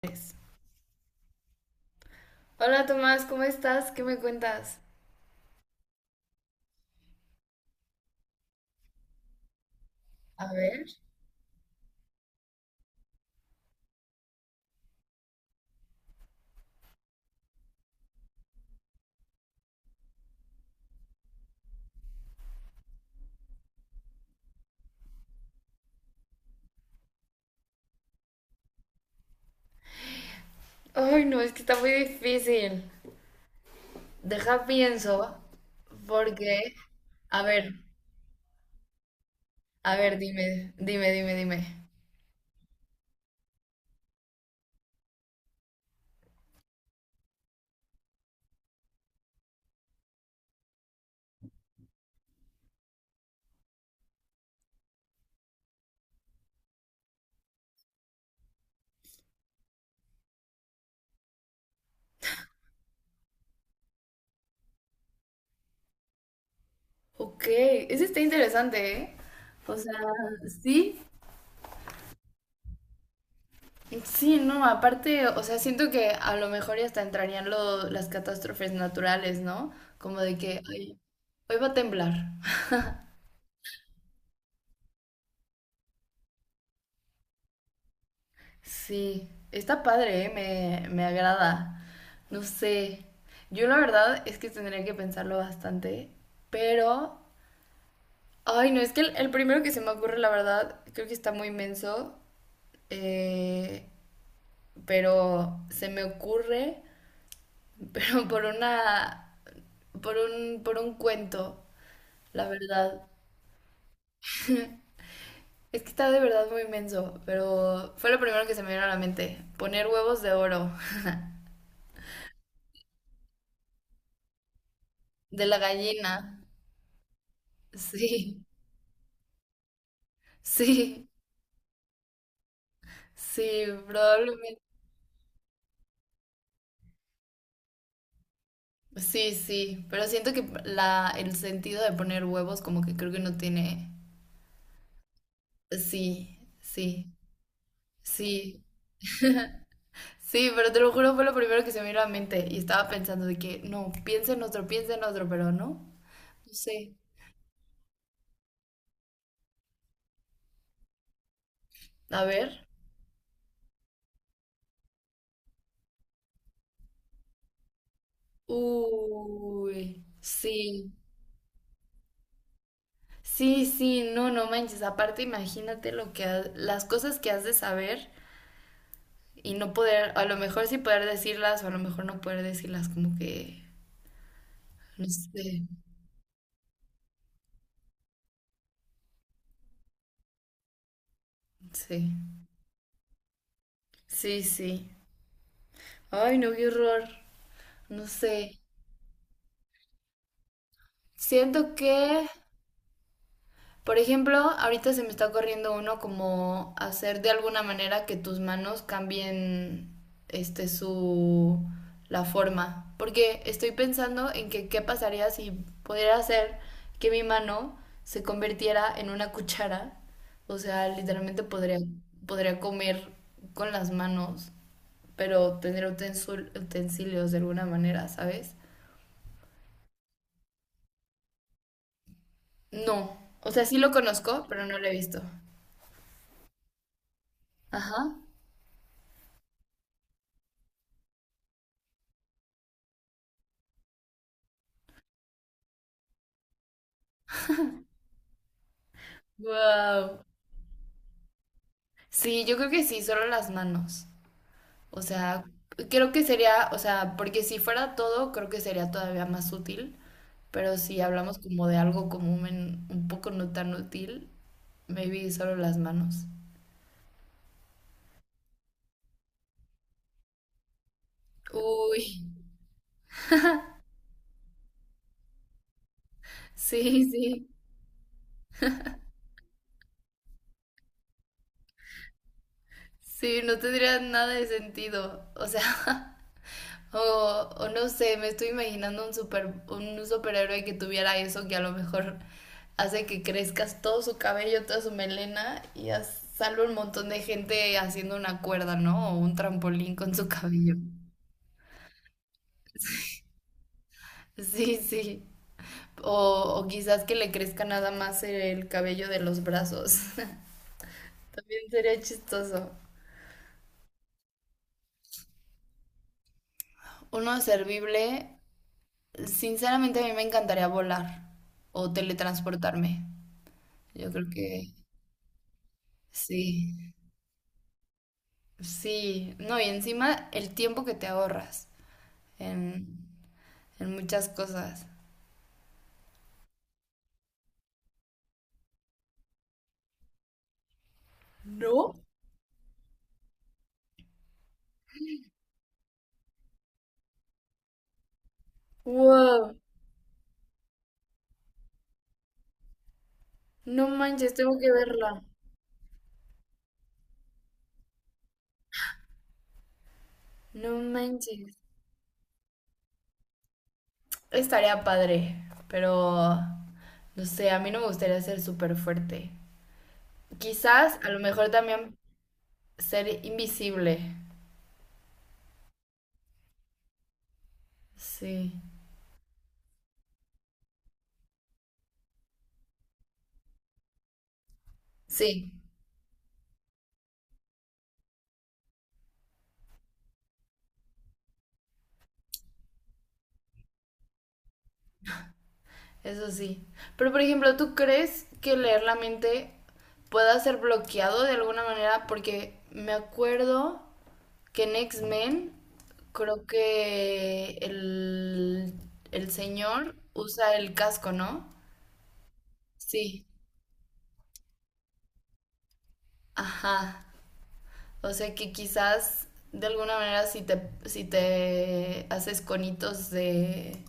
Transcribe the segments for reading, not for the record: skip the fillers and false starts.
Pues, Hola Tomás, ¿cómo estás? ¿Qué me cuentas? A ver. Ay, no, es que está muy difícil. Deja pienso, porque... A ver, a ver, dime, dime, dime, dime. Ok, ese está interesante, ¿eh? O sea, sí, sí, no, aparte, o sea, siento que a lo mejor ya hasta entrarían las catástrofes naturales, ¿no? Como de que, ay, hoy va a temblar. Sí, está padre, ¿eh? Me agrada. No sé. Yo la verdad es que tendría que pensarlo bastante, pero... Ay, no, es que el primero que se me ocurre, la verdad, creo que está muy menso, eh, pero se me ocurre, pero por una... por un cuento, la verdad. Es que está de verdad muy menso, pero fue lo primero que se me vino a la mente. Poner huevos de oro, de la gallina. Sí. Sí, sí, probablemente. Sí, sí, pero siento que la, el sentido de poner huevos como que creo que no tiene... Sí, sí, sí, sí, pero te lo juro fue lo primero que se me vino a la mente y estaba pensando de que no, piensa en otro, pero no, no sé. A ver. Uy, sí, sí, sí, no, no manches, aparte imagínate lo que las cosas que has de saber y no poder, a lo mejor sí poder decirlas o a lo mejor no poder decirlas como que... No sé, sí, sí, sí. Ay, no, qué horror. No sé. Siento que, por ejemplo, ahorita se me está corriendo uno como hacer de alguna manera que tus manos cambien este su la forma, porque estoy pensando en que qué pasaría si pudiera hacer que mi mano se convirtiera en una cuchara, o sea, literalmente podría comer con las manos. Pero tener utensilios de alguna manera, ¿sabes? No. O sea, sí lo conozco, pero no lo he visto. Ajá. Wow. Sí, yo creo que sí, solo las manos. O sea, creo que sería, o sea, porque si fuera todo, creo que sería todavía más útil. Pero si hablamos como de algo común, un poco no tan útil, maybe solo las manos. Uy, sí, sí. Sí, no tendría nada de sentido. O sea, O, o no sé, me estoy imaginando un superhéroe que tuviera eso que a lo mejor hace que crezcas todo su cabello, toda su melena y sale un montón de gente haciendo una cuerda, ¿no? O un trampolín con su cabello. Sí, sí. O, o quizás que le crezca nada más el cabello de los brazos. También sería chistoso. Uno servible, sinceramente a mí me encantaría volar o teletransportarme. Yo creo que sí. Sí, no, y encima el tiempo que te ahorras en, en muchas cosas. ¿No? Wow, no manches, tengo que verla. No manches. Estaría padre, pero no sé, a mí no me gustaría ser súper fuerte. Quizás, a lo mejor también ser invisible. Sí, sí, eso sí. Pero por ejemplo, ¿tú crees que leer la mente pueda ser bloqueado de alguna manera? Porque me acuerdo. Que en X-Men, creo que el señor usa el casco, ¿no? Sí, ajá. O sea que quizás de alguna manera si te, si te haces conitos de...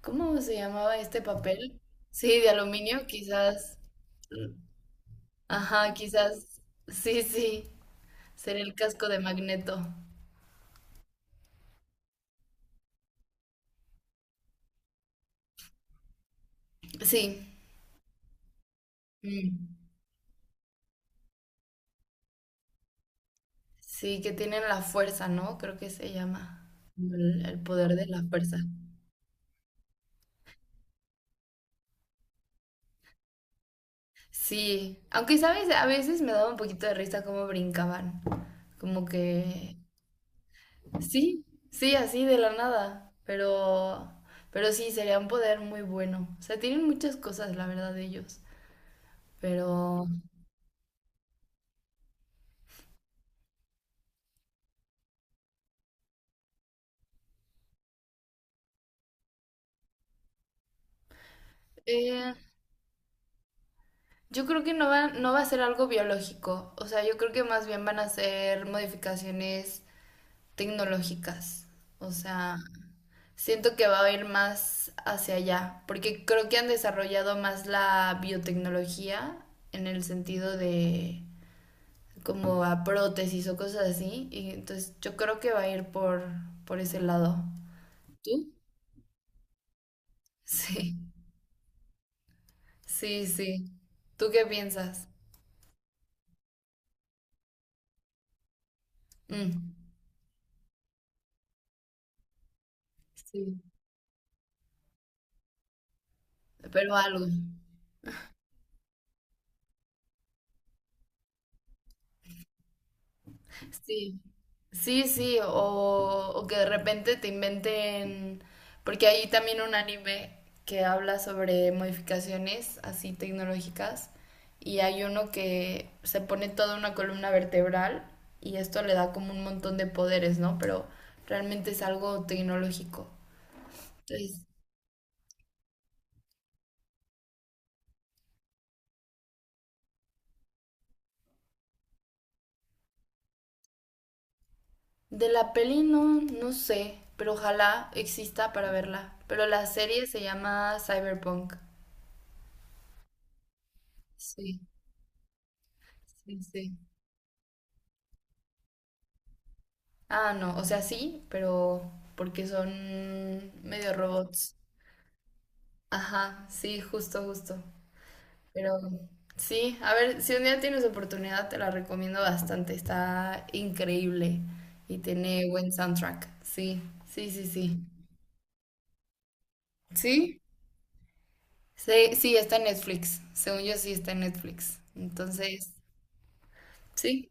¿Cómo se llamaba este papel? Sí, de aluminio, quizás. Ajá, quizás. Sí, sí. Sería el casco de Magneto. Sí. Mm. Sí, que tienen la fuerza, ¿no? Creo que se llama el poder de la fuerza. Sí, aunque sabes, a veces me daba un poquito de risa cómo brincaban. Como que sí, sí, así de la nada, pero sí sería un poder muy bueno. O sea, tienen muchas cosas, la verdad, ellos, pero eh, yo creo que no va a ser algo biológico. O sea, yo creo que más bien van a ser modificaciones tecnológicas. O sea, siento que va a ir más hacia allá, porque creo que han desarrollado más la biotecnología en el sentido de como a prótesis o cosas así, y entonces yo creo que va a ir por ese lado. ¿Tú? Sí, sí, sí. ¿Tú qué piensas? Mm, sí, pero algo. Sí, sí, sí, o que de repente te inventen, porque hay también un anime que habla sobre modificaciones así tecnológicas y hay uno que se pone toda una columna vertebral y esto le da como un montón de poderes, ¿no? Pero realmente es algo tecnológico. Entonces, de la peli no, no sé, pero ojalá exista para verla. Pero la serie se llama Cyberpunk. Sí, sí, sí. Ah, no, o sea, sí, pero porque son medio robots. Ajá, sí, justo, justo. Pero sí, a ver, si un día tienes oportunidad, te la recomiendo bastante. Está increíble y tiene buen soundtrack. Sí, sí, sí, sí. ¿Sí? Sí, sí, está en Netflix. Según yo, sí está en Netflix. Entonces, sí.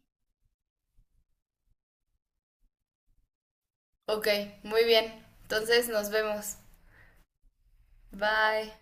Ok, muy bien. Entonces, nos vemos. Bye.